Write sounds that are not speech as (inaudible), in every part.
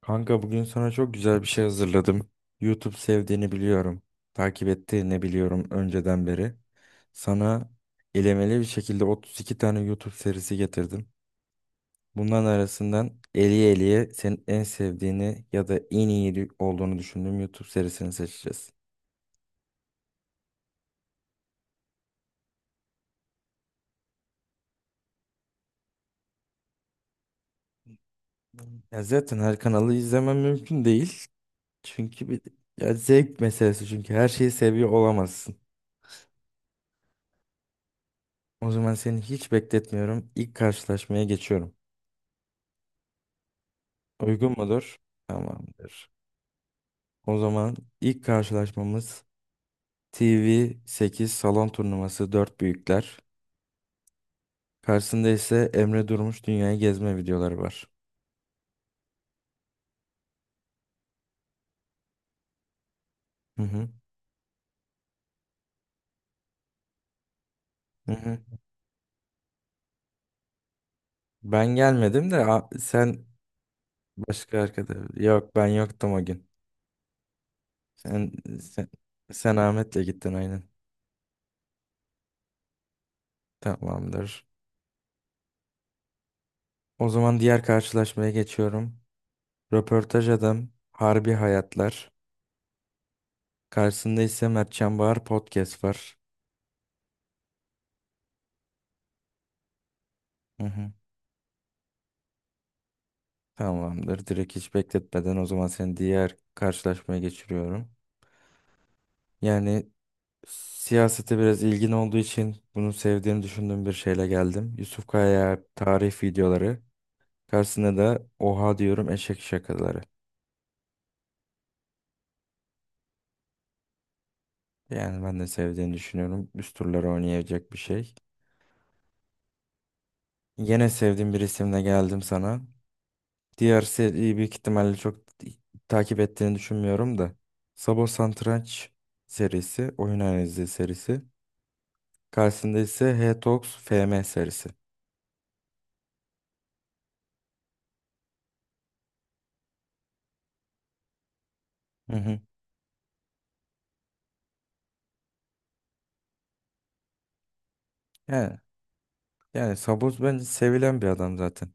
Kanka bugün sana çok güzel bir şey hazırladım. YouTube sevdiğini biliyorum. Takip ettiğini biliyorum önceden beri. Sana elemeli bir şekilde 32 tane YouTube serisi getirdim. Bunların arasından eliye eliye senin en sevdiğini ya da en iyi olduğunu düşündüğüm YouTube serisini seçeceğiz. Ya zaten her kanalı izlemem mümkün değil. Çünkü bir ya zevk meselesi, çünkü her şeyi seviyor olamazsın. O zaman seni hiç bekletmiyorum. İlk karşılaşmaya geçiyorum. Uygun mudur? Tamamdır. O zaman ilk karşılaşmamız TV8 salon turnuvası 4 büyükler. Karşısında ise Emre Durmuş dünyayı gezme videoları var. Hı hı. Hı hı. Ben gelmedim de sen başka arkadaş. Yok, ben yoktum o gün. Sen, sen, sen Ahmet'le gittin aynen. Tamamdır. O zaman diğer karşılaşmaya geçiyorum. Röportaj Adam Harbi Hayatlar. Karşısında ise Mertcan Bahar Podcast var. Hı hı. Tamamdır. Direkt hiç bekletmeden o zaman seni diğer karşılaşmaya geçiriyorum. Yani siyasete biraz ilgin olduğu için bunu sevdiğini düşündüğüm bir şeyle geldim. Yusuf Kaya tarih videoları. Karşısında da oha diyorum eşek şakaları. Yani ben de sevdiğini düşünüyorum. Üst turları oynayacak bir şey. Yine sevdiğim bir isimle geldim sana. Diğer seriyi büyük ihtimalle çok takip ettiğini düşünmüyorum da. Sabo Satranç serisi, oyun analizi serisi. Karşısında ise Hetox FM serisi. Hı hı. Yani, yani Saboz bence sevilen bir adam zaten.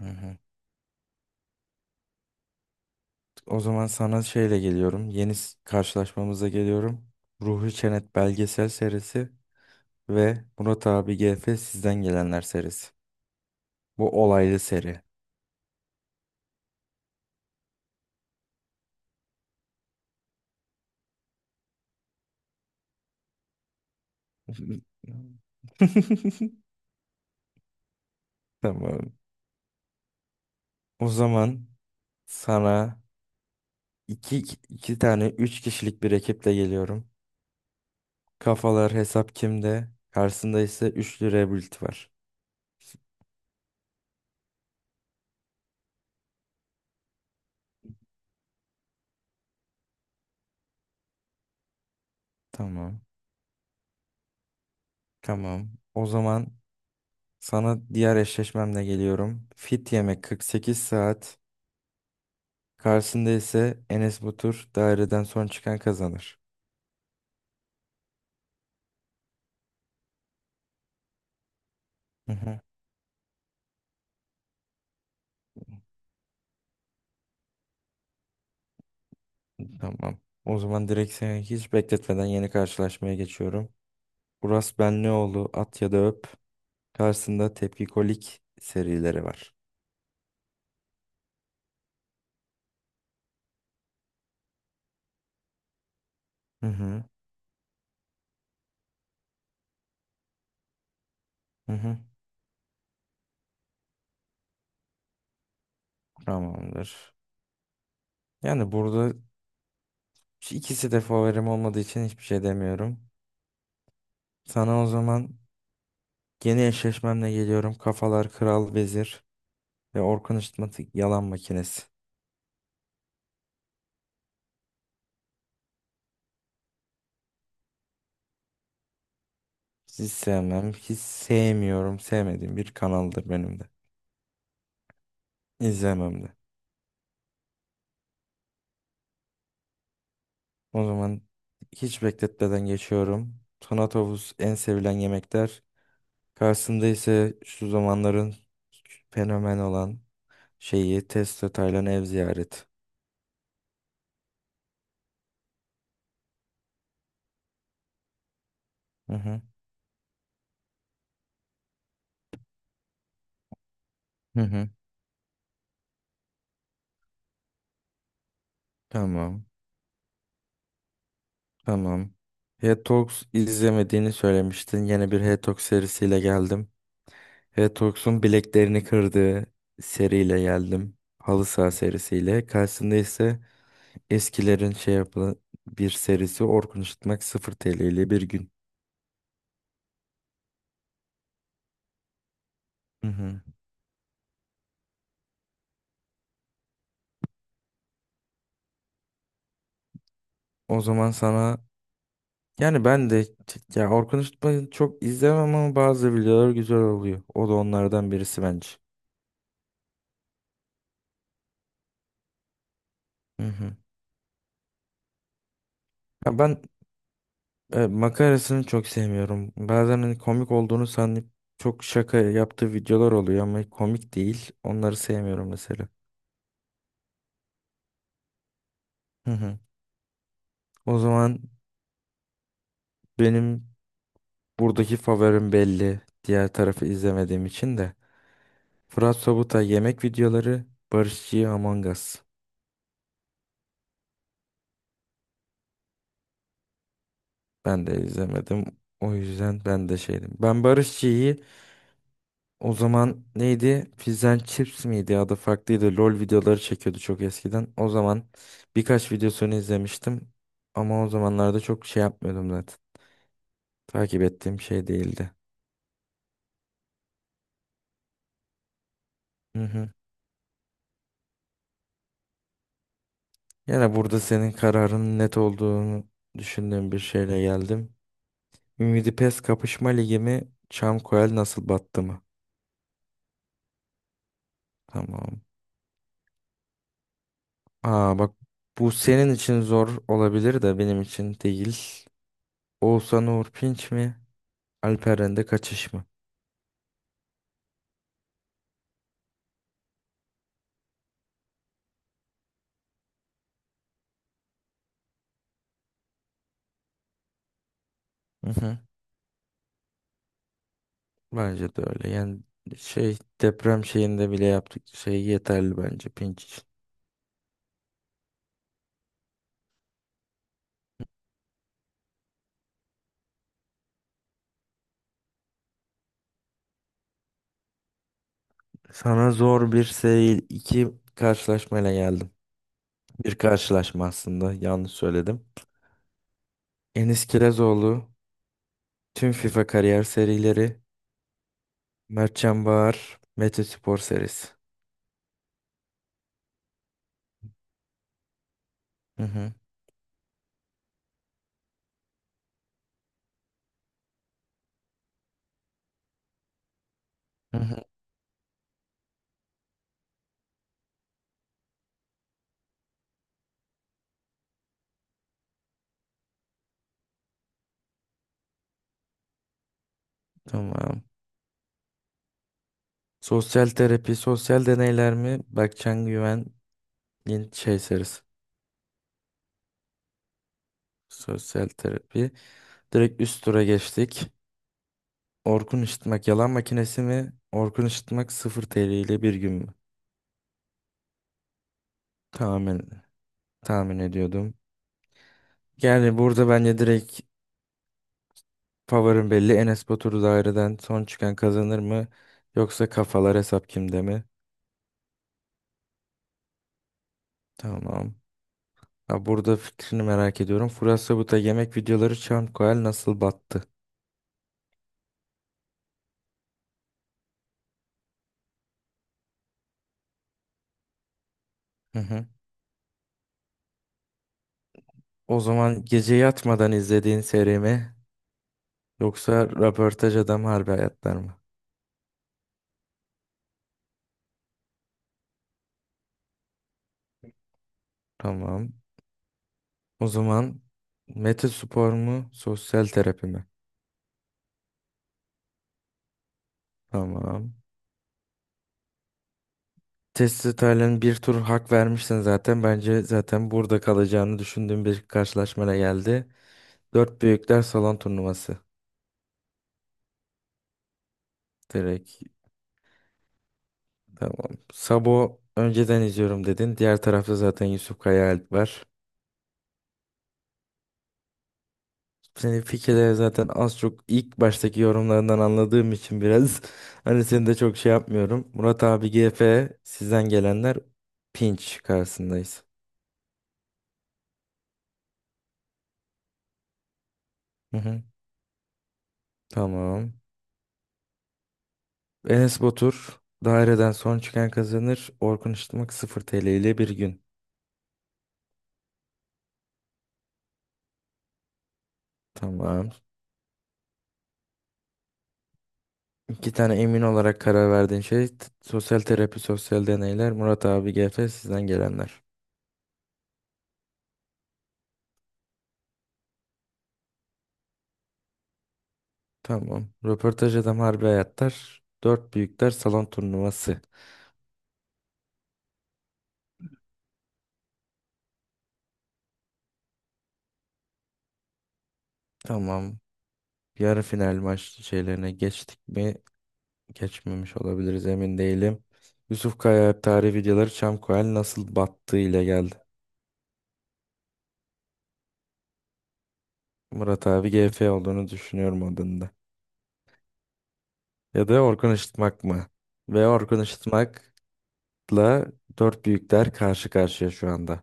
Hı hı. O zaman sana şeyle geliyorum. Karşılaşmamıza geliyorum. Ruhi Çenet belgesel serisi ve Murat abi GF Sizden Gelenler serisi. Bu olaylı seri. (laughs) Tamam. O zaman sana iki, iki tane üç kişilik bir ekiple geliyorum. Kafalar Hesap Kimde? Karşısında ise üçlü rebuild var. Tamam. Tamam. O zaman sana diğer eşleşmemle geliyorum. Fit yemek 48 saat. Karşısında ise Enes Batur daireden son çıkan kazanır. Hı hı. Tamam. O zaman direkt seni hiç bekletmeden yeni karşılaşmaya geçiyorum. Uras Benlioğlu at ya da öp. Karşısında tepkikolik serileri var. Hı hı. Hı hı. Tamamdır. Yani burada ikisi de favorim olmadığı için hiçbir şey demiyorum. Sana o zaman yeni eşleşmemle geliyorum. Kafalar Kral Vezir ve Orkun Işıtmatik Yalan Makinesi. Hiç sevmem. Hiç sevmiyorum. Sevmediğim bir kanaldır benim de. İzlemem de. O zaman hiç bekletmeden geçiyorum. Tonatovuz en sevilen yemekler. Karşısında ise şu zamanların fenomen olan şeyi Testo Taylan ev ziyaret. Hı hı. Hı hı. Tamam. Tamam. Hetox izlemediğini söylemiştin. Yeni bir Hetox serisiyle geldim. Hetox'un bileklerini kırdığı seriyle geldim. Halı saha serisiyle. Karşısında ise eskilerin şey yapılan bir serisi Orkun Işıtmak 0 TL ile bir gün. Hı hı. O zaman sana, yani ben de ya Orkun Işıtmak'ı çok izlemem ama bazı videolar güzel oluyor. O da onlardan birisi bence. Hı hı. Ya ben makarasını çok sevmiyorum. Bazen hani komik olduğunu sanıp çok şaka yaptığı videolar oluyor ama komik değil. Onları sevmiyorum mesela. Hı hı. O zaman benim buradaki favorim belli. Diğer tarafı izlemediğim için de. Fırat Sobutay yemek videoları, Barışçı'yı Among Us. Ben de izlemedim. O yüzden ben de şeydim. Ben Barışçı'yı o zaman neydi? Fizz and Chips miydi? Adı farklıydı. LOL videoları çekiyordu çok eskiden. O zaman birkaç videosunu izlemiştim. Ama o zamanlarda çok şey yapmıyordum zaten. Takip ettiğim şey değildi. Hı hı. Yine burada senin kararının net olduğunu düşündüğüm bir şeyle geldim. Ümidi Pes kapışma ligi mi? Çamkoel nasıl battı mı? Tamam. Aa bak, bu senin için zor olabilir de benim için değil. Oğuzhan Uğur Pinç mi? Alperen'de kaçış mı? Hı hı. Bence de öyle. Yani şey deprem şeyinde bile yaptık. Şey yeterli bence Pinç için. Sana zor bir seri iki karşılaşmayla geldim. Bir karşılaşma aslında, yanlış söyledim. Enis Kirazoğlu, tüm FIFA kariyer serileri, Mertcan Bahar, Mete Spor serisi. Hı hı. Hı hı. Tamam. Sosyal terapi, sosyal deneyler mi? Berkcan Güven'in şey serisi. Sosyal terapi. Direkt üst tura geçtik. Orkun Işıtmak yalan makinesi mi? Orkun Işıtmak 0 TL ile bir gün mü? Tahmin, tahmin ediyordum. Yani burada bence direkt favorim belli. Enes Batur daireden son çıkan kazanır mı? Yoksa kafalar hesap kimde mi? Tamam. Ha, burada fikrini merak ediyorum. Furasabı'da yemek videoları çan koyal nasıl battı? Hı hı. O zaman gece yatmadan izlediğin seri mi? Yoksa röportaj adam harbi hayatlar mı? Tamam. O zaman Mete Spor mu? Sosyal terapi mi? Tamam. Testi Taylan'ın bir tur hak vermişsin zaten. Bence zaten burada kalacağını düşündüğüm bir karşılaşmaya geldi. Dört büyükler salon turnuvası. Direkt. Tamam. Sabo önceden izliyorum dedin. Diğer tarafta zaten Yusuf Kaya Alp var. Senin fikirleri zaten az çok ilk baştaki yorumlarından anladığım için biraz (laughs) hani seni de çok şey yapmıyorum. Murat abi GF sizden gelenler pinç karşısındayız. Hı hı. Tamam. Enes Batur daireden son çıkan kazanır. Orkun Işıtmak 0 TL ile bir gün. Tamam. İki tane emin olarak karar verdiğin şey, sosyal terapi, sosyal deneyler. Murat abi GF sizden gelenler. Tamam. Röportaj adam harbi hayatlar. Dört büyükler salon turnuvası. Tamam. Yarı final maç şeylerine geçtik mi? Geçmemiş olabiliriz, emin değilim. Yusuf Kaya tarih videoları Çamkoel nasıl battığı ile geldi. Murat abi GF olduğunu düşünüyorum adında. Ya da Orkun Işıtmak mı? Ve Orkun Işıtmak'la dört büyükler karşı karşıya şu anda.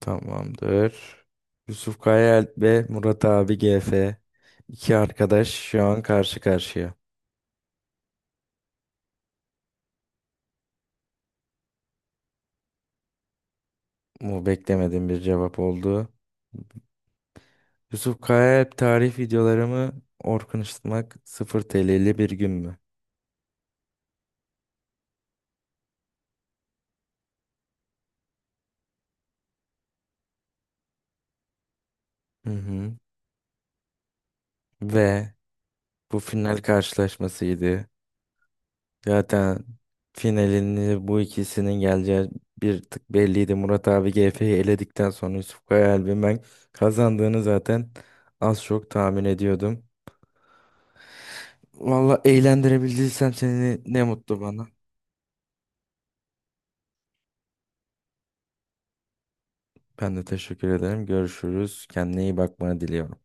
Tamamdır. Yusuf Kayaalp ve Murat abi GF. İki arkadaş şu an karşı karşıya. Bu beklemediğim bir cevap oldu. Yusuf Kayaalp tarih videolarımı Orkun Işıtmak 0 TL'li bir gün mü? Hı hı. Ve bu final karşılaşmasıydı. Zaten finalini bu ikisinin geleceği bir tık belliydi. Murat abi GF'yi eledikten sonra Yusuf Kayaalp'in ben kazandığını zaten az çok tahmin ediyordum. Valla eğlendirebildiysem seni, ne mutlu bana. Ben de teşekkür ederim. Görüşürüz. Kendine iyi bakmanı diliyorum.